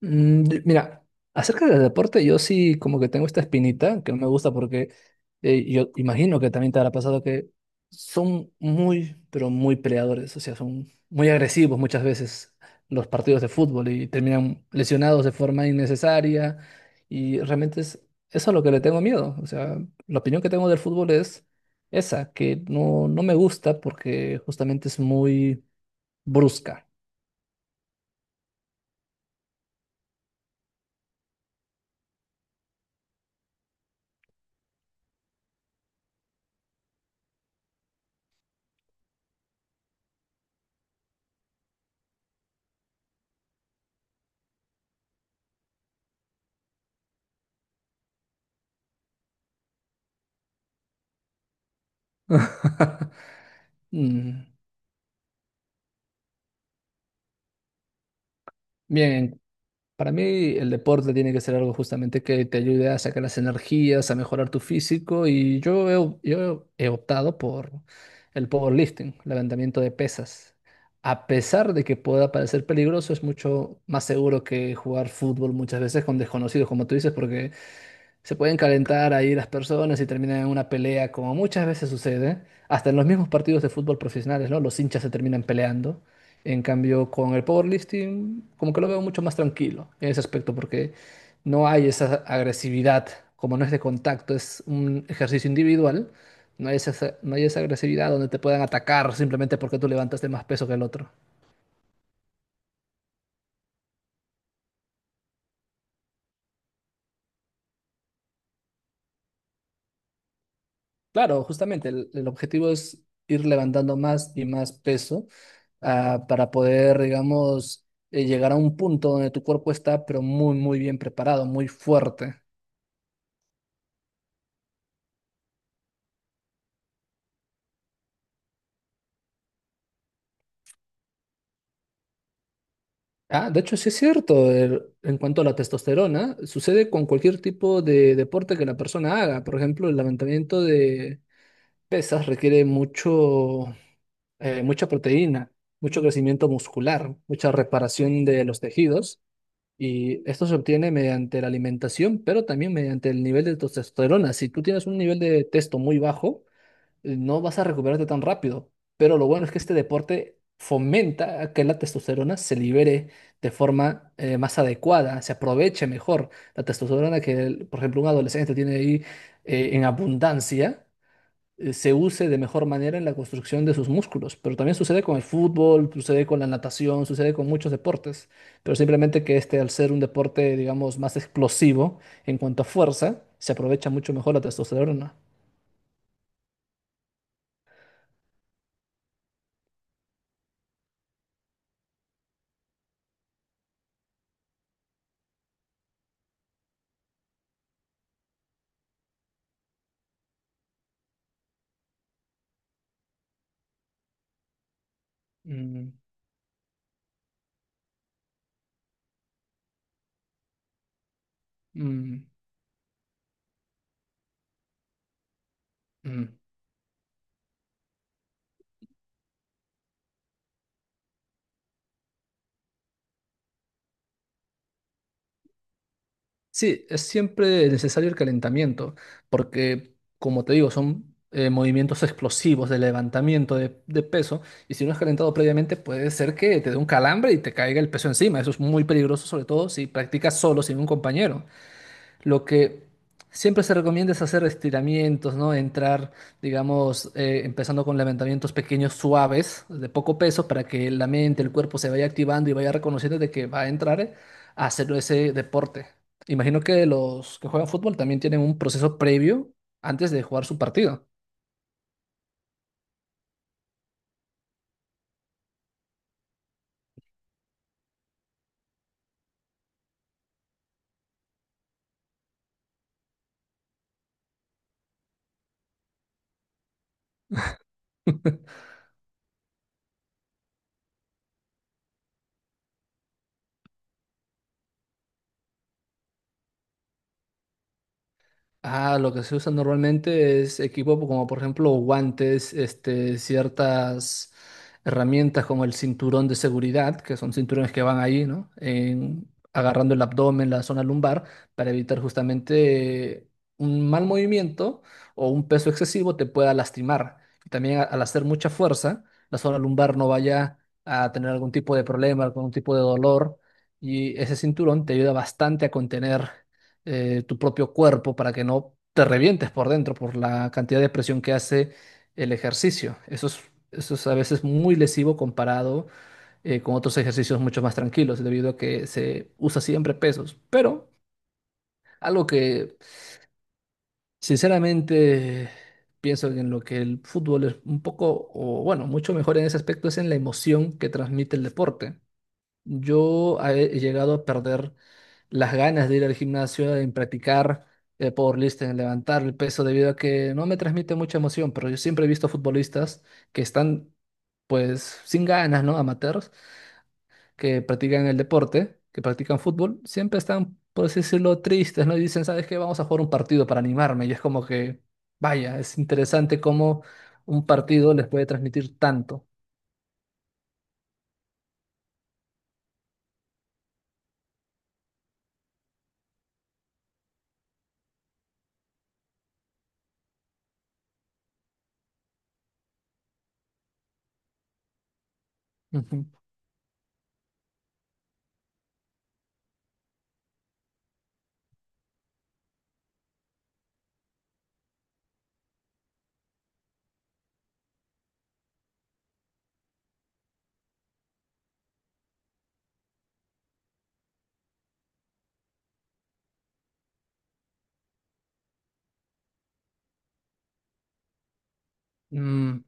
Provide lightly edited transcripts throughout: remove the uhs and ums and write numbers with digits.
Mira, acerca del deporte, yo sí como que tengo esta espinita que no me gusta porque yo imagino que también te habrá pasado que son muy, pero muy peleadores, o sea, son muy agresivos muchas veces los partidos de fútbol y terminan lesionados de forma innecesaria y realmente es eso a lo que le tengo miedo, o sea, la opinión que tengo del fútbol es esa, que no, no me gusta porque justamente es muy brusca. Mm. Bien, para mí el deporte tiene que ser algo justamente que te ayude a sacar las energías, a mejorar tu físico y yo he optado por el powerlifting, levantamiento de pesas. A pesar de que pueda parecer peligroso, es mucho más seguro que jugar fútbol muchas veces con desconocidos, como tú dices, porque se pueden calentar ahí las personas y terminan en una pelea, como muchas veces sucede, hasta en los mismos partidos de fútbol profesionales, ¿no? Los hinchas se terminan peleando. En cambio, con el powerlifting, como que lo veo mucho más tranquilo en ese aspecto, porque no hay esa agresividad, como no es de contacto, es un ejercicio individual, no hay esa agresividad donde te puedan atacar simplemente porque tú levantaste más peso que el otro. Claro, justamente el objetivo es ir levantando más y más peso para poder, digamos, llegar a un punto donde tu cuerpo está, pero muy, muy bien preparado, muy fuerte. Ah, de hecho, sí es cierto, el- en cuanto a la testosterona, sucede con cualquier tipo de deporte que la persona haga. Por ejemplo, el levantamiento de pesas requiere mucho, mucha proteína, mucho crecimiento muscular, mucha reparación de los tejidos. Y esto se obtiene mediante la alimentación, pero también mediante el nivel de testosterona. Si tú tienes un nivel de testo muy bajo, no vas a recuperarte tan rápido. Pero lo bueno es que este deporte fomenta a que la testosterona se libere de forma más adecuada, se aproveche mejor la testosterona que, el- por ejemplo, un adolescente tiene ahí en abundancia se use de mejor manera en la construcción de sus músculos. Pero también sucede con el fútbol, sucede con la natación, sucede con muchos deportes. Pero simplemente que este, al ser un deporte, digamos, más explosivo en cuanto a fuerza, se aprovecha mucho mejor la testosterona. Mm, mm, mm. Sí, es siempre necesario el calentamiento, porque, como te digo, son movimientos explosivos de levantamiento de peso, y si no has calentado previamente, puede ser que te dé un calambre y te caiga el peso encima. Eso es muy peligroso, sobre todo si practicas solo, sin un compañero. Lo que siempre se recomienda es hacer estiramientos, ¿no? Entrar, digamos, empezando con levantamientos pequeños, suaves, de poco peso, para que la mente, el cuerpo se vaya activando y vaya reconociendo de que va a entrar a hacer ese deporte. Imagino que los que juegan fútbol también tienen un proceso previo antes de jugar su partido. Ah, lo que se usa normalmente es equipo pues, como por ejemplo guantes, este, ciertas herramientas como el cinturón de seguridad, que son cinturones que van ahí, ¿no? En- agarrando el abdomen, la zona lumbar, para evitar justamente un mal movimiento o un peso excesivo te pueda lastimar. Y también a- al hacer mucha fuerza, la zona lumbar no vaya a tener algún tipo de problema, algún tipo de dolor, y ese cinturón te ayuda bastante a contener tu propio cuerpo para que no te revientes por dentro por la cantidad de presión que hace el ejercicio. Eso es a veces muy lesivo comparado con otros ejercicios mucho más tranquilos, debido a que se usa siempre pesos. Pero algo que sinceramente pienso en lo que el fútbol es un poco, o bueno, mucho mejor en ese aspecto es en la emoción que transmite el deporte. Yo he llegado a perder las ganas de ir al gimnasio, en practicar powerlifting, en levantar el peso, debido a que no me transmite mucha emoción, pero yo siempre he visto futbolistas que están pues sin ganas, ¿no? Amateurs, que practican el deporte, que practican fútbol, siempre están, por así decirlo, tristes, ¿no? Y dicen, ¿sabes qué? Vamos a jugar un partido para animarme. Y es como que, vaya, es interesante cómo un partido les puede transmitir tanto. Ujú. Mm.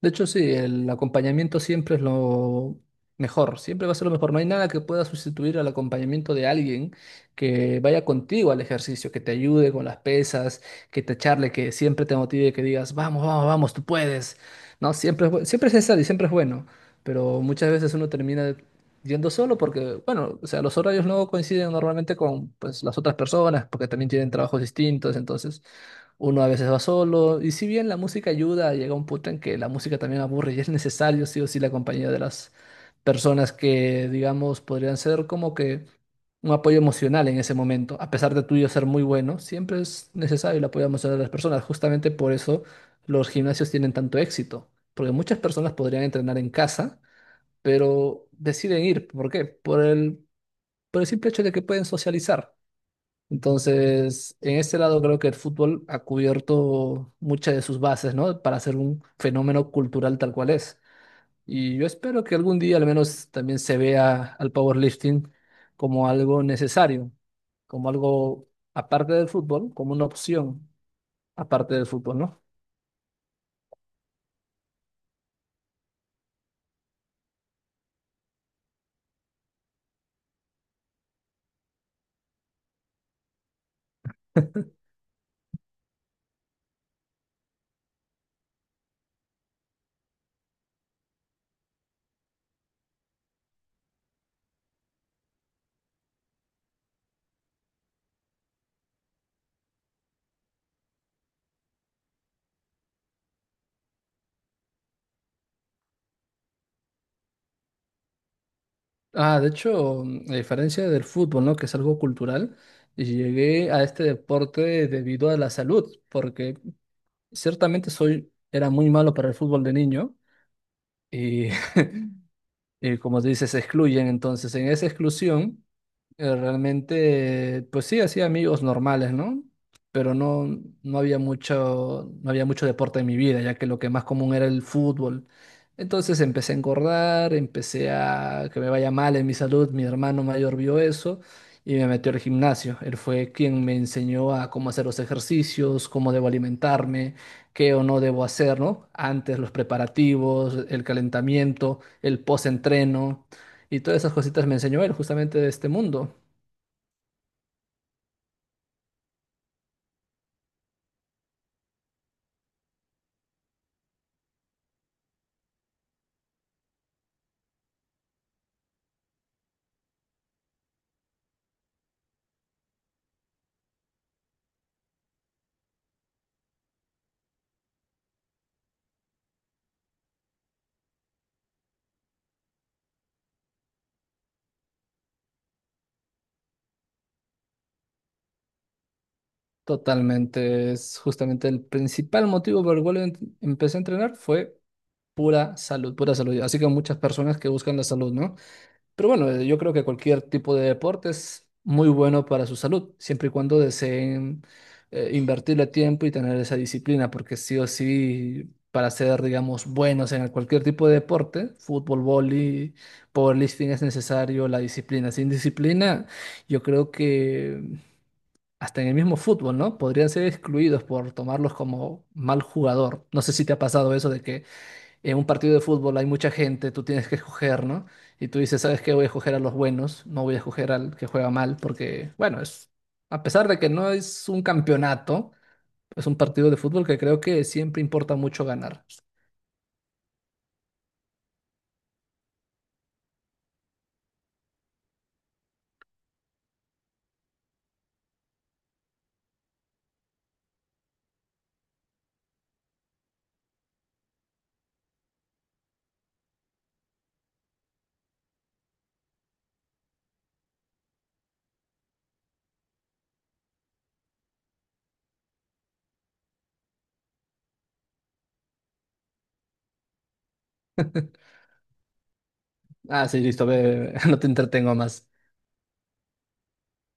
De hecho, sí, el acompañamiento siempre es lo mejor, siempre va a ser lo mejor. No hay nada que pueda sustituir al acompañamiento de alguien que vaya contigo al ejercicio, que te ayude con las pesas, que te charle, que siempre te motive, que digas, vamos, vamos, vamos, tú puedes. No, siempre es necesario y siempre es bueno, pero muchas veces uno termina yendo solo porque, bueno, o sea, los horarios no coinciden normalmente con pues, las otras personas porque también tienen trabajos distintos, entonces... Uno a veces va solo, y si bien la música ayuda, llega un punto en que la música también aburre y es necesario sí o sí la compañía de las personas que, digamos, podrían ser como que un apoyo emocional en ese momento. A pesar de tuyo ser muy bueno, siempre es necesario el apoyo emocional de las personas. Justamente por eso los gimnasios tienen tanto éxito, porque muchas personas podrían entrenar en casa, pero deciden ir. ¿Por qué? Por el simple hecho de que pueden socializar. Entonces, en este lado creo que el fútbol ha cubierto muchas de sus bases, ¿no? Para ser un fenómeno cultural tal cual es. Y yo espero que algún día al menos también se vea al powerlifting como algo necesario, como algo aparte del fútbol, como una opción aparte del fútbol, ¿no? Ah, de hecho, a diferencia del fútbol, ¿no? Que es algo cultural, llegué a este deporte debido a la salud, porque ciertamente soy, era muy malo para el fútbol de niño. Y y como dices, se excluyen. Entonces, en esa exclusión, realmente, pues sí, hacía amigos normales, ¿no? Pero no, no había mucho deporte en mi vida, ya que lo que más común era el fútbol. Entonces empecé a engordar, empecé a que me vaya mal en mi salud. Mi hermano mayor vio eso y me metió al gimnasio. Él fue quien me enseñó a cómo hacer los ejercicios, cómo debo alimentarme qué o no debo hacer, ¿no? Antes los preparativos, el calentamiento, el post-entreno y todas esas cositas me enseñó él justamente de este mundo. Totalmente, es justamente el principal motivo por el cual empecé a entrenar fue pura salud, pura salud. Así que muchas personas que buscan la salud, ¿no? Pero bueno, yo creo que cualquier tipo de deporte es muy bueno para su salud, siempre y cuando deseen invertirle tiempo y tener esa disciplina, porque sí o sí, para ser, digamos, buenos en cualquier tipo de deporte, fútbol, vóley, powerlifting, es necesario la disciplina. Sin disciplina, yo creo que hasta en el mismo fútbol, ¿no? Podrían ser excluidos por tomarlos como mal jugador. No sé si te ha pasado eso de que en un partido de fútbol hay mucha gente, tú tienes que escoger, ¿no? Y tú dices, ¿sabes qué? Voy a escoger a los buenos, no voy a escoger al que juega mal, porque, bueno, es, a pesar de que no es un campeonato, es un partido de fútbol que creo que siempre importa mucho ganar. Ah, sí, listo, ve, ve, ve, no te entretengo más.